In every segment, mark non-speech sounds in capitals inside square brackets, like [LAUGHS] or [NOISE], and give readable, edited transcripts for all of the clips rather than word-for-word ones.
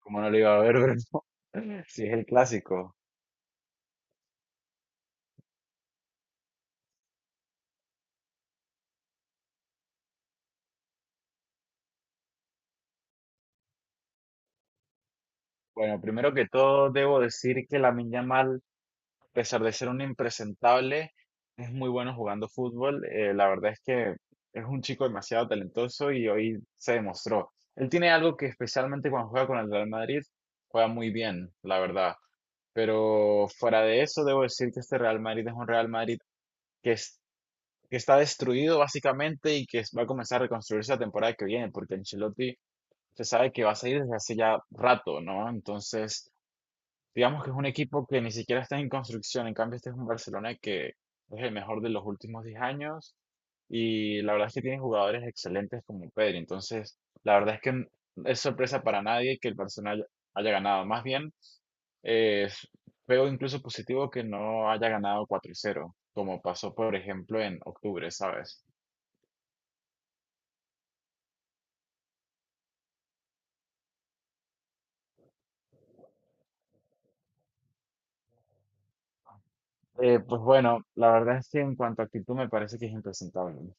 Como no lo iba a ver, bro? [LAUGHS] Sí, es el clásico. Bueno, primero que todo, debo decir que la Yamal, a pesar de ser un impresentable, es muy bueno jugando fútbol. La verdad es que es un chico demasiado talentoso y hoy se demostró. Él tiene algo que, especialmente cuando juega con el Real Madrid, juega muy bien, la verdad. Pero fuera de eso, debo decir que este Real Madrid es un Real Madrid que, es- que está destruido básicamente y que va a comenzar a reconstruirse la temporada que viene, porque Ancelotti se sabe que va a salir desde hace ya rato, ¿no? Entonces, digamos que es un equipo que ni siquiera está en construcción. En cambio, este es un Barcelona que es el mejor de los últimos 10 años, y la verdad es que tiene jugadores excelentes como Pedri. Entonces, la verdad es que es sorpresa para nadie que el Barcelona haya ganado. Más bien, eh, s- veo incluso positivo que no haya ganado 4 cero, como pasó por ejemplo en octubre, ¿sabes? Pues bueno, la verdad es que en cuanto a actitud me parece que es impresentable.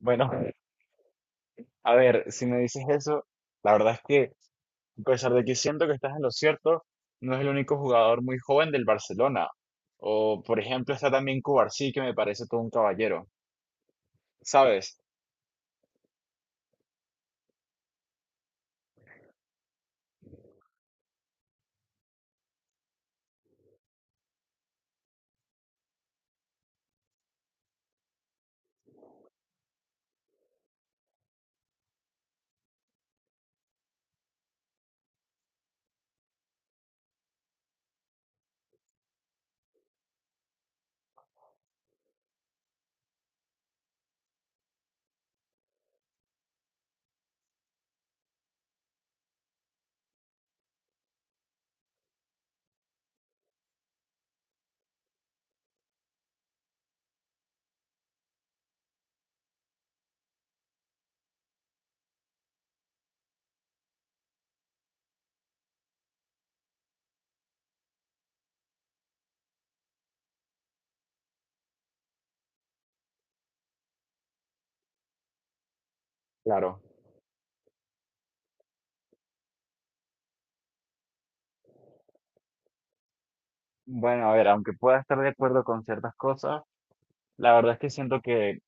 Bueno, a ver, si me dices eso, la verdad es que, a pesar de que siento que estás en lo cierto, no es el único jugador muy joven del Barcelona. O, por ejemplo, está también Cubarsí, que me parece todo un caballero. ¿Sabes? Claro. Bueno, a ver, aunque pueda estar de acuerdo con ciertas cosas, la verdad es que siento que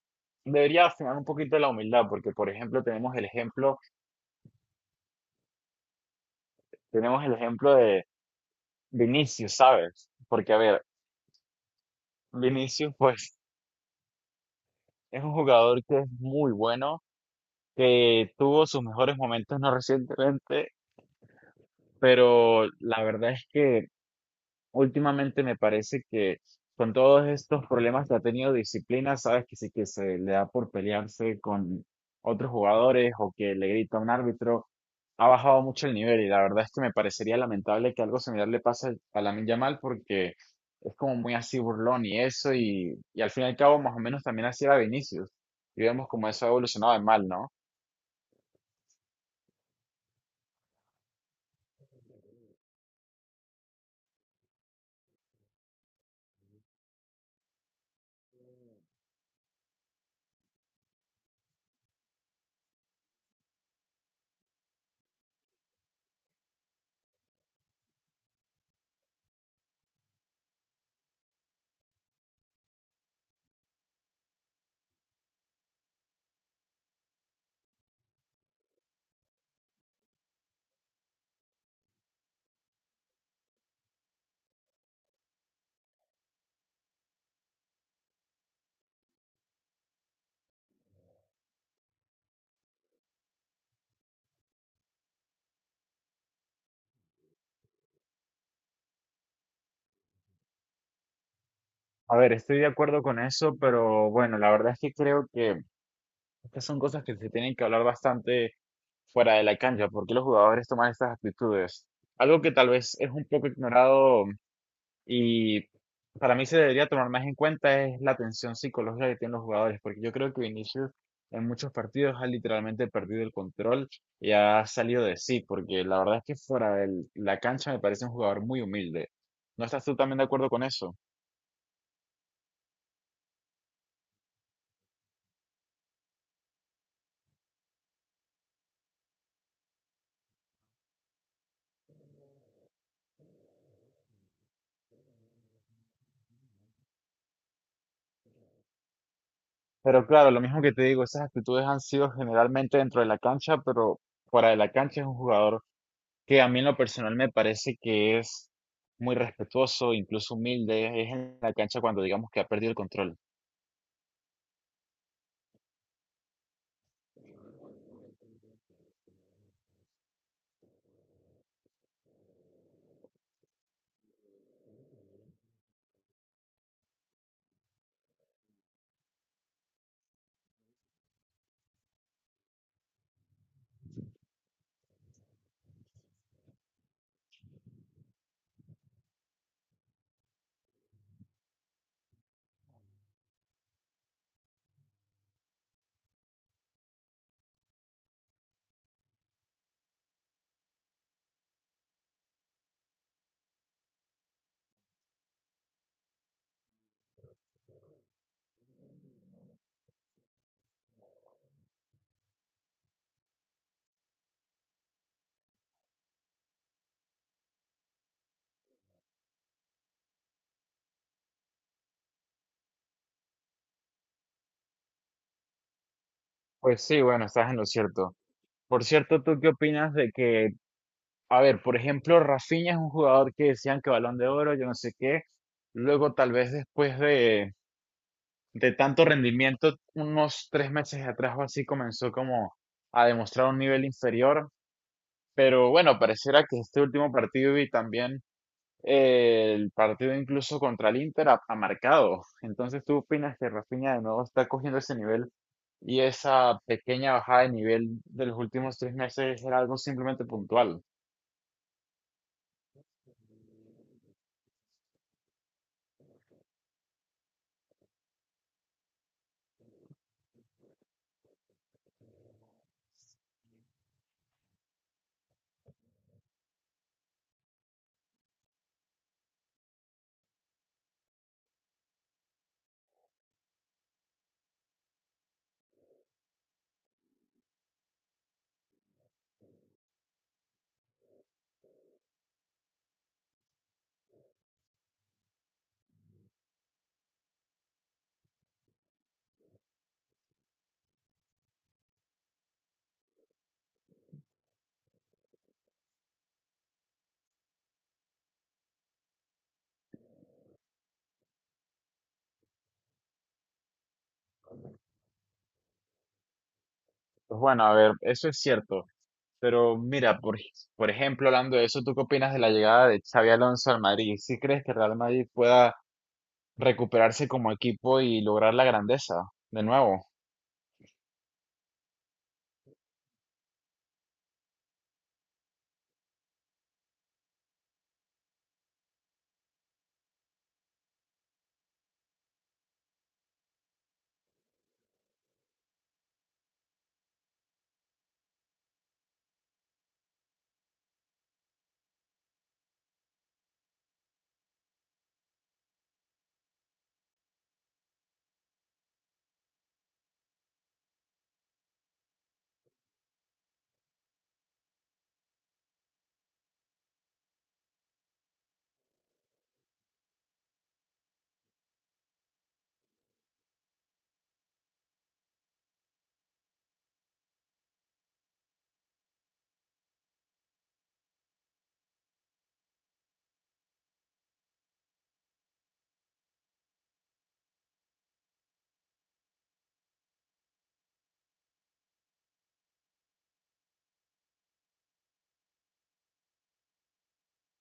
debería afinar un poquito la humildad, porque, por ejemplo, tenemos el ejemplo de Vinicius, ¿sabes? Porque, a ver, Vinicius, pues, es un jugador que es muy bueno, que tuvo sus mejores momentos no recientemente, pero la verdad es que últimamente me parece que, con todos estos problemas que ha tenido disciplina, sabes que sí, que se le da por pelearse con otros jugadores o que le grita a un árbitro, ha bajado mucho el nivel. Y la verdad es que me parecería lamentable que algo similar le pase a Lamine Yamal, porque es como muy así, burlón y eso, y al fin y al cabo más o menos también así era Vinicius, y vemos cómo eso ha evolucionado de mal, ¿no? A ver, estoy de acuerdo con eso, pero bueno, la verdad es que creo que estas son cosas que se tienen que hablar bastante fuera de la cancha, porque los jugadores toman estas actitudes. Algo que tal vez es un poco ignorado y para mí se debería tomar más en cuenta es la tensión psicológica que tienen los jugadores, porque yo creo que Vinicius en muchos partidos ha literalmente perdido el control y ha salido de sí, porque la verdad es que fuera de la cancha me parece un jugador muy humilde. ¿No estás tú también de acuerdo con eso? Pero claro, lo mismo que te digo, esas actitudes han sido generalmente dentro de la cancha, pero fuera de la cancha es un jugador que a mí en lo personal me parece que es muy respetuoso, incluso humilde. Es en la cancha cuando digamos que ha perdido el control. Pues sí, bueno, estás en lo cierto. Por cierto, ¿tú qué opinas de que, a ver, por ejemplo, Rafinha es un jugador que decían que Balón de Oro, yo no sé qué, luego tal vez después de tanto rendimiento, unos 3 meses atrás o así, comenzó como a demostrar un nivel inferior? Pero bueno, pareciera que este último partido, y también el partido incluso contra el Inter ha marcado. Entonces, ¿tú opinas que Rafinha de nuevo está cogiendo ese nivel y esa pequeña bajada de nivel de los últimos 3 meses era algo simplemente puntual? Pues bueno, a ver, eso es cierto. Pero mira, por ejemplo, hablando de eso, ¿tú qué opinas de la llegada de Xavi Alonso al Madrid? ¿Sí crees que Real Madrid pueda recuperarse como equipo y lograr la grandeza de nuevo?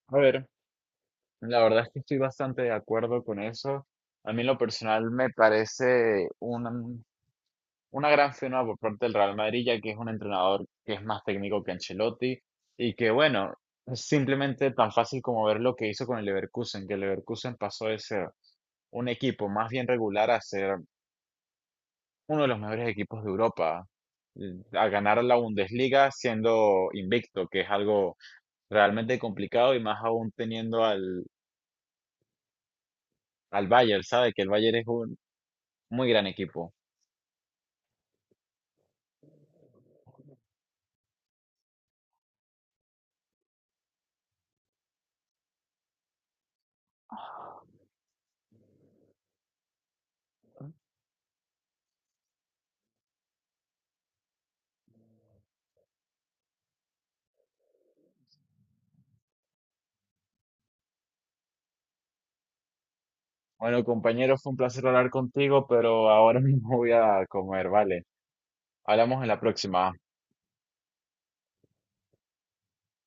A ver. La verdad es que estoy bastante de acuerdo con eso. A mí en lo personal me parece una gran firma por parte del Real Madrid, ya que es un entrenador que es más técnico que Ancelotti y que, bueno, es simplemente tan fácil como ver lo que hizo con el Leverkusen, que el Leverkusen pasó de ser un equipo más bien regular a ser uno de los mejores equipos de Europa, a ganar la Bundesliga siendo invicto, que es algo realmente complicado, y más aún teniendo al Bayern, ¿sabe? Que el Bayern es muy gran equipo. Bueno, compañero, fue un placer hablar contigo, pero ahora [LAUGHS] mismo voy a comer, ¿vale? Hablamos en la próxima.